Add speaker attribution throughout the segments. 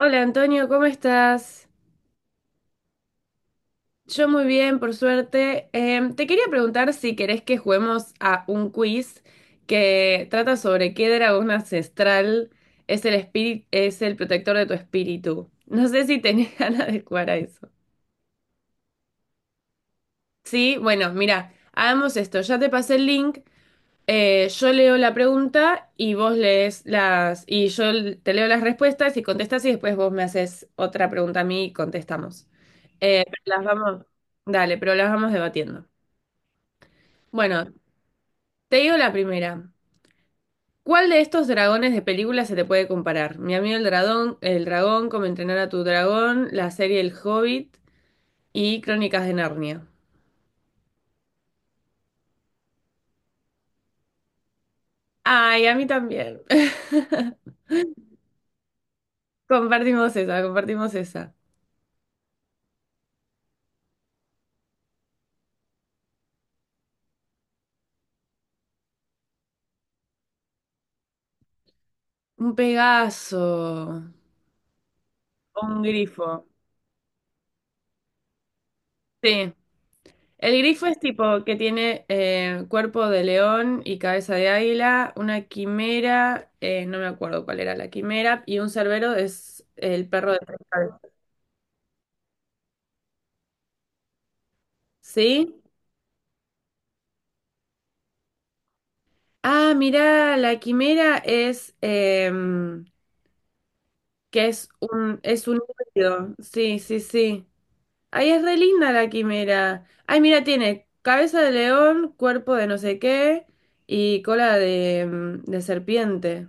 Speaker 1: Hola Antonio, ¿cómo estás? Yo muy bien, por suerte. Te quería preguntar si querés que juguemos a un quiz que trata sobre qué dragón ancestral es el espíritu, es el protector de tu espíritu. No sé si tenés ganas de jugar a eso. Sí, bueno, mira, hagamos esto. Ya te pasé el link. Yo leo la pregunta y vos lees las, y te leo las respuestas y contestas y después vos me haces otra pregunta a mí y contestamos. Eh, pero las vamos, dale, pero las vamos debatiendo. Bueno, te digo la primera. ¿Cuál de estos dragones de película se te puede comparar? Mi amigo el dragón, cómo entrenar a tu dragón, la serie El Hobbit y Crónicas de Narnia. Ay, a mí también. Compartimos esa, compartimos esa. Un Pegaso. Un grifo. Sí. El grifo es tipo que tiene cuerpo de león y cabeza de águila, una quimera, no me acuerdo cuál era la quimera, y un cerbero es el perro de tres cabezas. ¿Sí? Ah, mirá, la quimera que es un híbrido. Sí, sí, sí. Ay, es re linda la quimera. Ay, mira, tiene cabeza de león, cuerpo de no sé qué y cola de serpiente.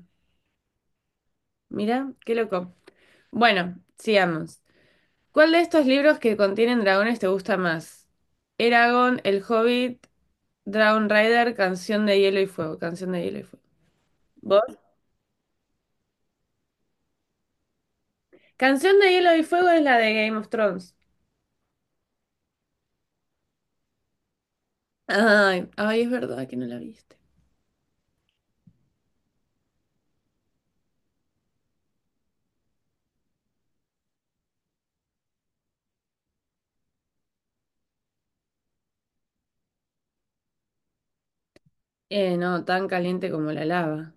Speaker 1: Mira, qué loco. Bueno, sigamos. ¿Cuál de estos libros que contienen dragones te gusta más? Eragon, El Hobbit, Dragon Rider, Canción de Hielo y Fuego. Canción de Hielo y Fuego. ¿Vos? Canción de Hielo y Fuego es la de Game of Thrones. Ay, ay, es verdad que no la viste. No, tan caliente como la lava.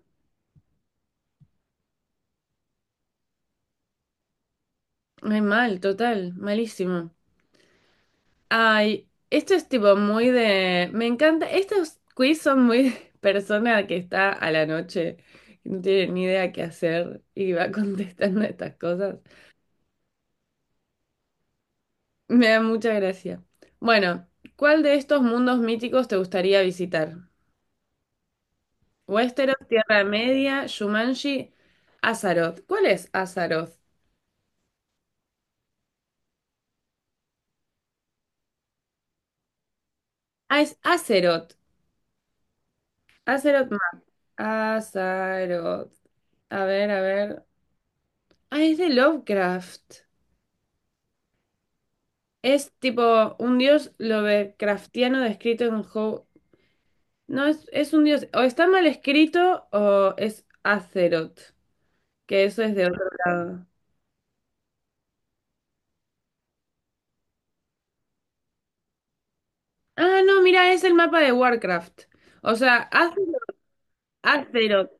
Speaker 1: Ay, mal, total, malísimo. Ay, esto es tipo muy de... Me encanta. Estos quiz son muy de persona que está a la noche, que no tiene ni idea qué hacer y va contestando estas cosas. Me da mucha gracia. Bueno, ¿cuál de estos mundos míticos te gustaría visitar? Westeros, Tierra Media, Shumanji, Azeroth. ¿Cuál es Azeroth? Ah, es Azeroth. Azeroth Map. Azeroth. A ver, a ver. Ah, es de Lovecraft. Es tipo un dios Lovecraftiano descrito en How. No, es un dios. O está mal escrito o es Azeroth, que eso es de otro lado. Ah, no, mira, es el mapa de Warcraft. O sea, Azeroth.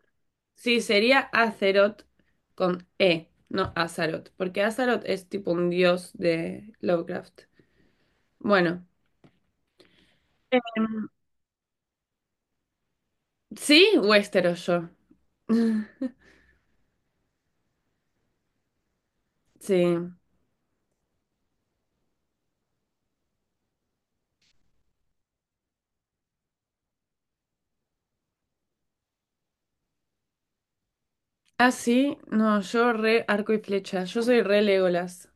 Speaker 1: Sí, sería Azeroth con E, no Azaroth, porque Azaroth es tipo un dios de Lovecraft. Bueno, Em, sí, Westeros yo. Sí. Ah, sí, no, yo re arco y flecha, yo soy re Legolas.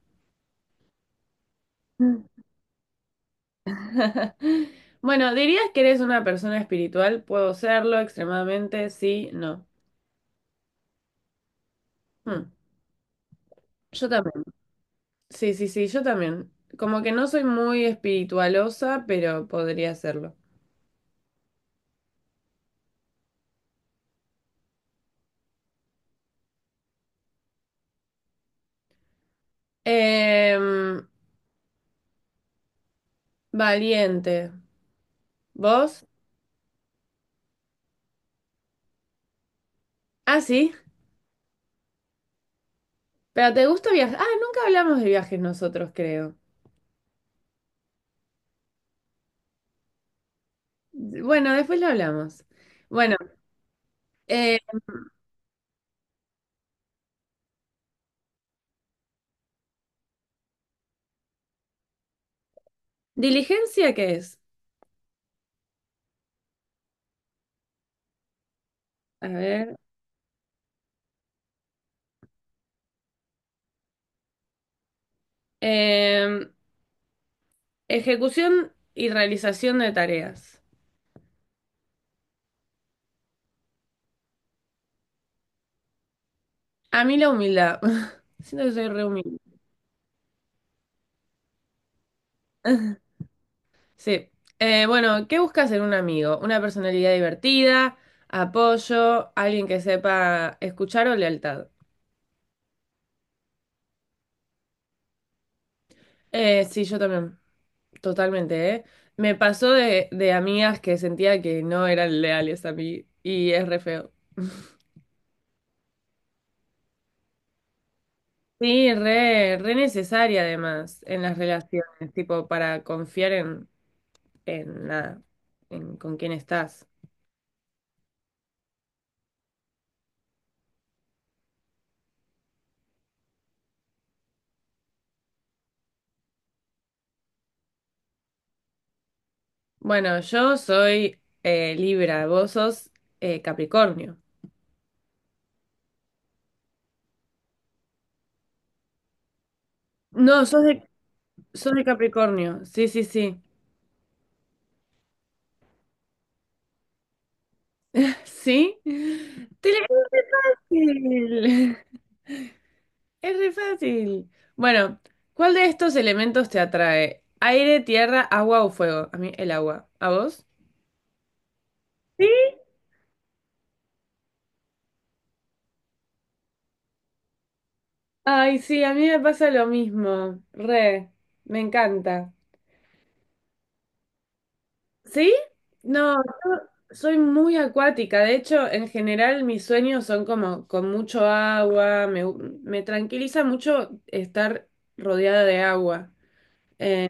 Speaker 1: Mm. Bueno, ¿dirías que eres una persona espiritual? Puedo serlo extremadamente, sí, no. Hmm, Yo también. Sí, sí, sí, yo también. Como que no soy muy espiritualosa, pero podría serlo. Em, Valiente. ¿Vos? Ah, sí. Pero ¿te gusta viajar? Ah, nunca hablamos de viajes nosotros, creo. Bueno, después lo hablamos. Bueno. Eh, ¿Diligencia qué es? A ver. eh, Ejecución y realización de tareas. A mí la humildad. Siento que soy re humilde. Sí. Bueno, ¿qué buscas en un amigo? Una personalidad divertida, apoyo, alguien que sepa escuchar o lealtad. Sí, yo también, totalmente, ¿eh? Me pasó de amigas que sentía que no eran leales a mí y es re feo. Sí, re, re necesaria además en las relaciones, tipo para confiar en nada, en con quién estás. Bueno, yo soy Libra, vos sos Capricornio. No, sos de Capricornio, sí, sí, sí. ¿Sí? ¡Te le fácil! Es re fácil. Bueno, ¿cuál de estos elementos te atrae? ¿Aire, tierra, agua o fuego? A mí el agua. ¿A vos? Sí. Ay, sí, a mí me pasa lo mismo, re, me encanta. ¿Sí? No, yo soy muy acuática, de hecho, en general mis sueños son como con mucho agua, me tranquiliza mucho estar rodeada de agua. Eh,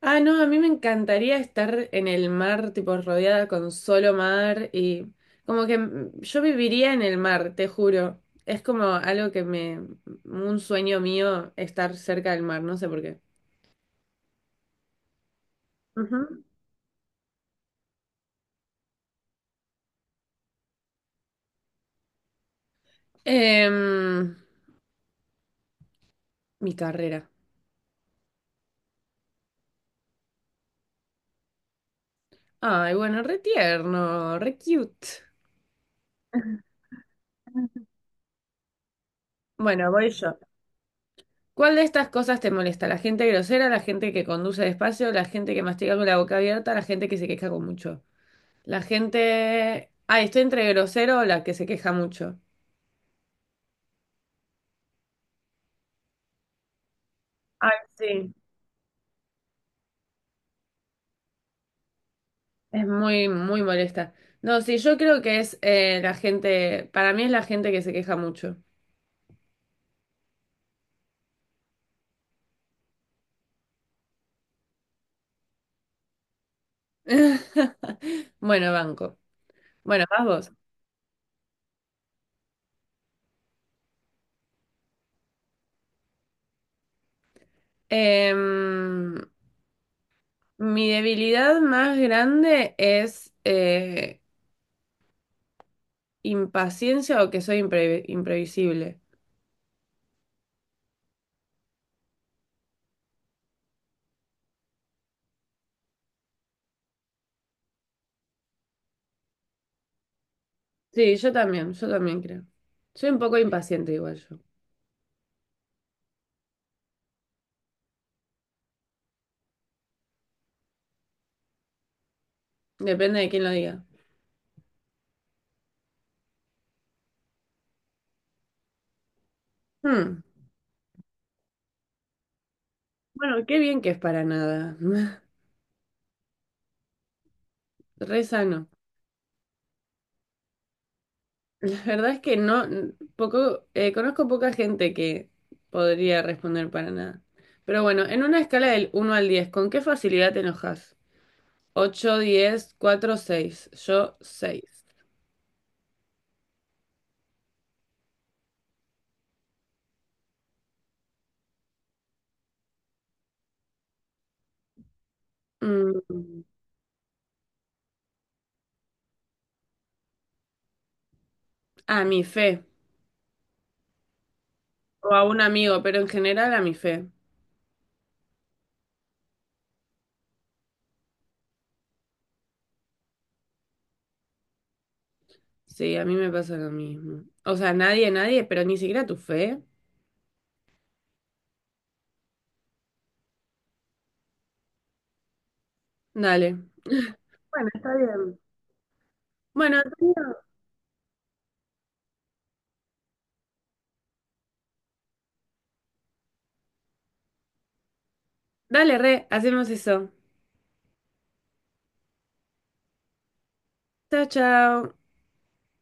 Speaker 1: ah, no, a mí me encantaría estar en el mar, tipo rodeada con solo mar y como que yo viviría en el mar, te juro. Es como algo un sueño mío estar cerca del mar, no sé por qué. Ujú. Em, Mi carrera. Ay, bueno, re tierno, re cute. Bueno, voy yo. ¿Cuál de estas cosas te molesta? ¿La gente grosera, la gente que conduce despacio, la gente que mastica con la boca abierta, la gente que se queja con mucho? Ay, estoy entre grosero o la que se queja mucho. Ay, sí. Es muy, muy molesta. No, sí, yo creo que es para mí es la gente que se queja mucho. Bueno, banco. Bueno, vas vos. Em, Mi debilidad más grande es impaciencia o que soy imprevisible. Sí, yo también creo. Soy un poco impaciente igual yo. Depende de quién lo diga. Hmm, Bueno, qué bien que es para nada. Re sano. La verdad es que no, poco, conozco poca gente que podría responder para nada. Pero bueno, en una escala del uno al 10, ¿con qué facilidad te enojas? Ocho 10 4 seis. Yo 6. A mi fe. O a un amigo, pero en general a mi fe. Sí, a mí me pasa lo mismo. O sea, nadie, nadie, pero ni siquiera tu fe. Dale. Bueno, está bien. Bueno, Antonio, dale, re, hacemos eso. Chao, chao.